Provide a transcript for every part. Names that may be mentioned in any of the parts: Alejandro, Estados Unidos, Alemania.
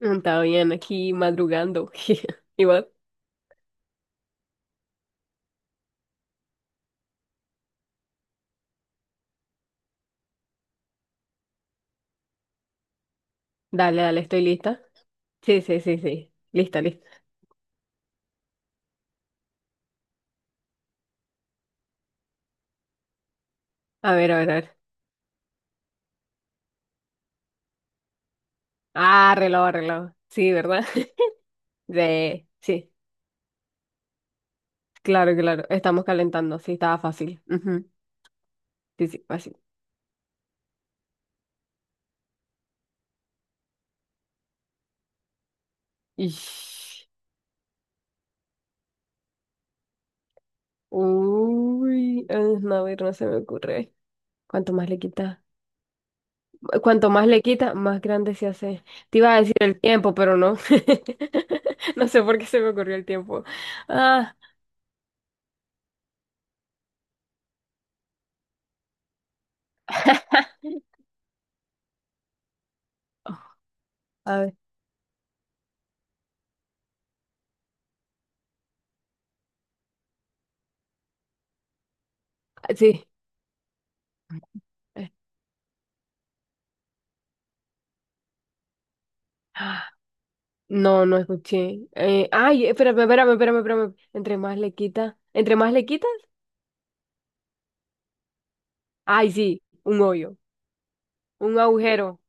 Está bien, aquí madrugando. Igual. Dale, dale, estoy lista. Sí, sí, sí, sí. Lista, lista. A ver, a ver, a ver. Ah, reloj, reloj. Sí, ¿verdad? Sí, sí. Claro, claro. Estamos calentando. Sí, estaba fácil. Ujú. Sí, sí, fácil. Ish. Uy, ah, no, a ver, no se me ocurre. ¿Cuánto más le quita? Cuanto más le quita, más grande se hace. Te iba a decir el tiempo, pero no. No sé por qué se me ocurrió el tiempo. Ah, a ver. Sí. Eh, ah, No, no escuché. Ay, espérame, espérame, espérame, espérame. Entre más le quitas. ¿Entre más le quitas? Ay, sí, un hoyo, un agujero.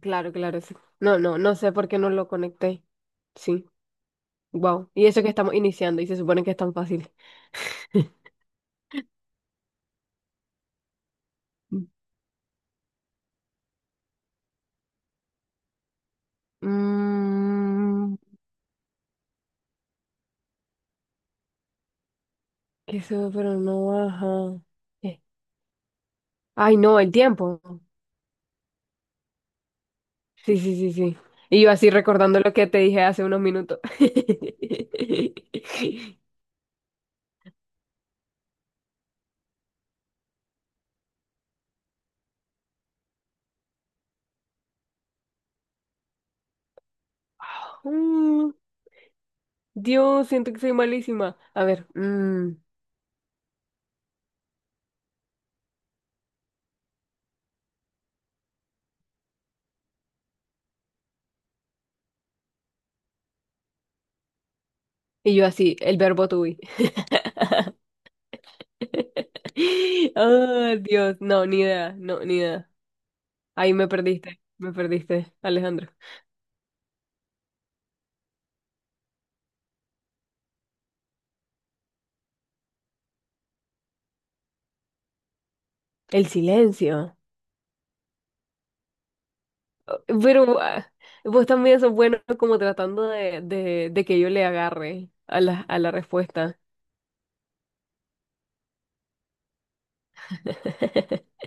Claro, claro, sí. No, no, no sé por qué no lo conecté. Sí, wow. Y eso que estamos iniciando y se supone que es tan fácil. Mmm, que sube pero no baja. Eh, Ay, no, el tiempo. Sí, sí, sí, sí. Y yo así recordando lo que te dije hace unos minutos. Mm, Dios, siento que soy malísima. A ver, y yo así, el verbo to be. Ah, Dios, no, ni idea, no, ni idea. Ahí me perdiste, Alejandro. El silencio. Oh, pero ah, vos también sos bueno como tratando de que yo le agarre a a la respuesta.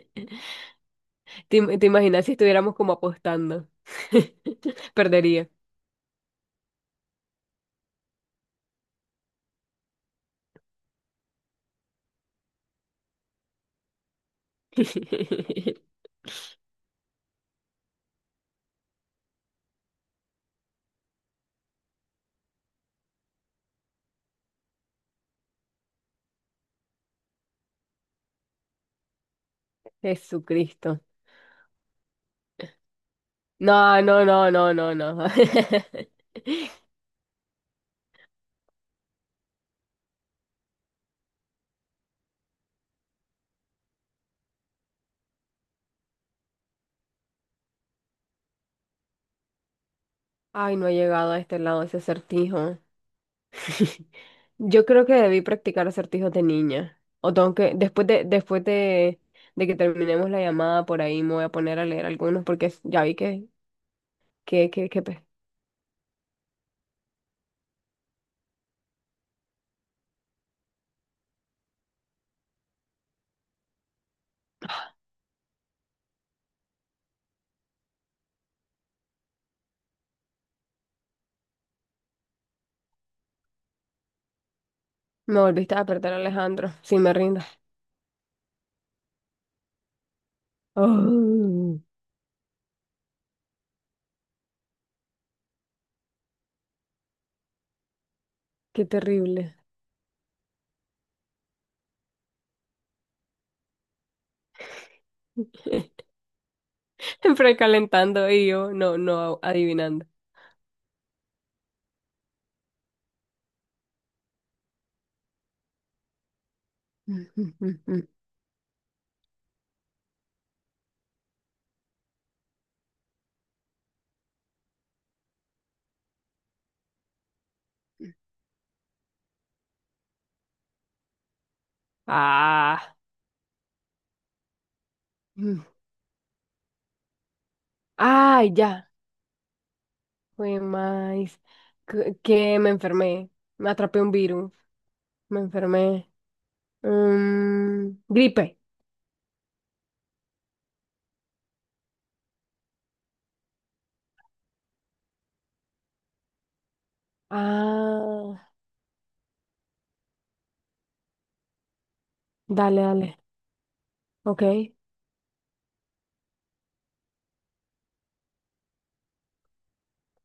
Te imaginas si estuviéramos como apostando? Perdería. Jesucristo. No, no, no, no, no, no. Ay, no he llegado a este lado ese acertijo. Yo creo que debí practicar acertijos de niña. O tengo que, de que terminemos la llamada por ahí, me voy a poner a leer algunos porque ya vi que, que, que, que pe- me volviste a perder, Alejandro. Si me rindas. Oh, qué terrible. Precalentando y yo no, no adivinando. Ah. Ay, ya. Fue más que me enfermé, me atrapé un virus, me enfermé. Mm, gripe. Ah, dale, dale. Ok.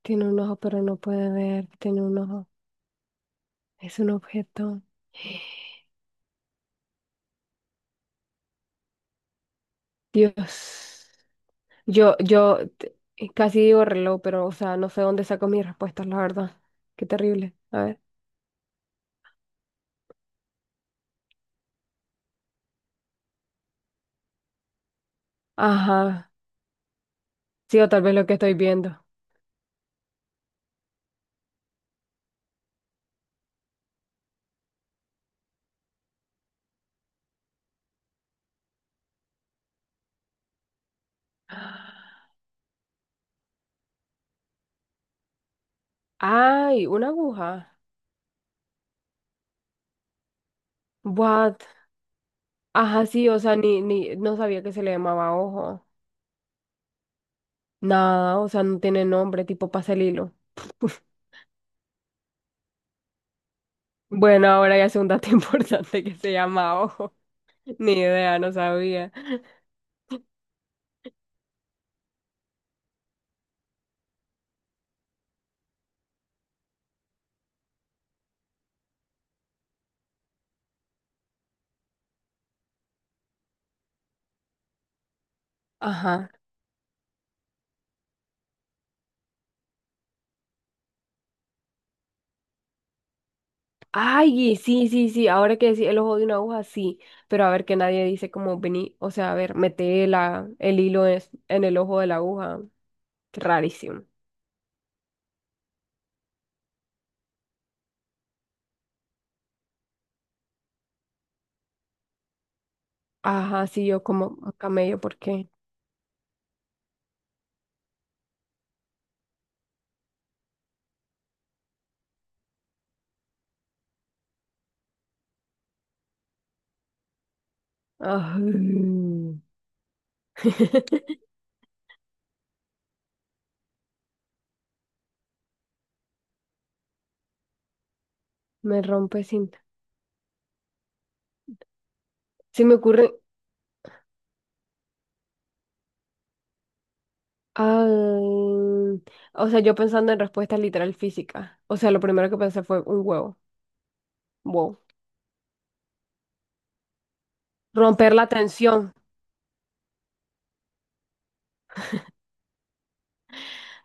Tiene un ojo, pero no puede ver. Tiene un ojo. Es un objeto. Dios. Yo, yo t- casi digo reloj, pero, o sea, no sé dónde saco mis respuestas, la verdad. Qué terrible. A ver. Ajá. Sí, o tal vez lo que estoy viendo. Ay, una aguja. What? Ajá, sí, o sea, ni, ni, no sabía que se le llamaba ojo. Nada, o sea, no tiene nombre, tipo pasa el hilo. Bueno, ahora ya es un dato importante que se llama ojo. Ni idea, no sabía. Ajá. Ay, sí, sí, sí, ahora que decía el ojo de una aguja, sí. Pero a ver que nadie dice como vení, o sea, a ver, mete el hilo en el ojo de la aguja. Qué rarísimo. Ajá, sí, yo como camello, ¿por qué? Ay, me rompe cinta. Se me ocurre. Ah, o sea, yo pensando en respuesta literal física. O sea, lo primero que pensé fue un huevo. Wow. Romper la tensión.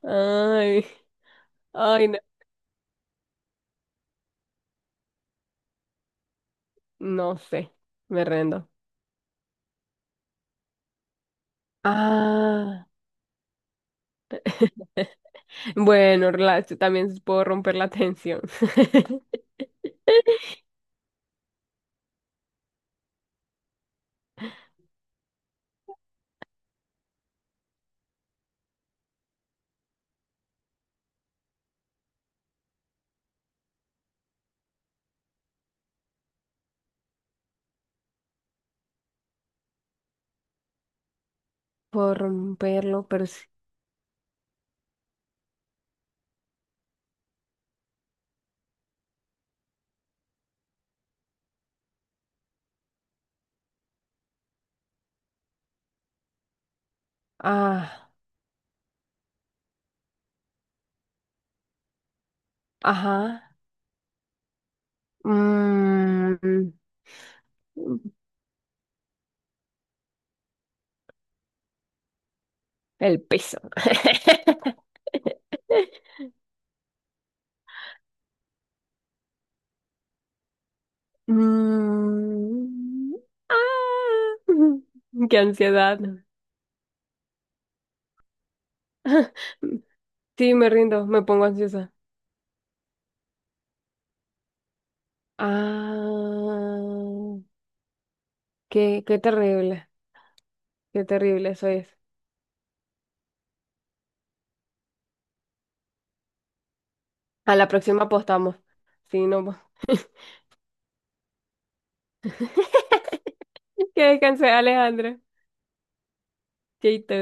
Ay, ay, no, no sé. Me rendo. Ah, bueno, también puedo romper la tensión. Puedo romperlo, pero sí. Ah, ajá. Mm, el peso. Mm, ah, qué ansiedad. Sí, me rindo, me pongo ansiosa. Ah, qué, qué terrible eso es. A la próxima apostamos. Sí, no. Que descanse, Alejandra. Chaito.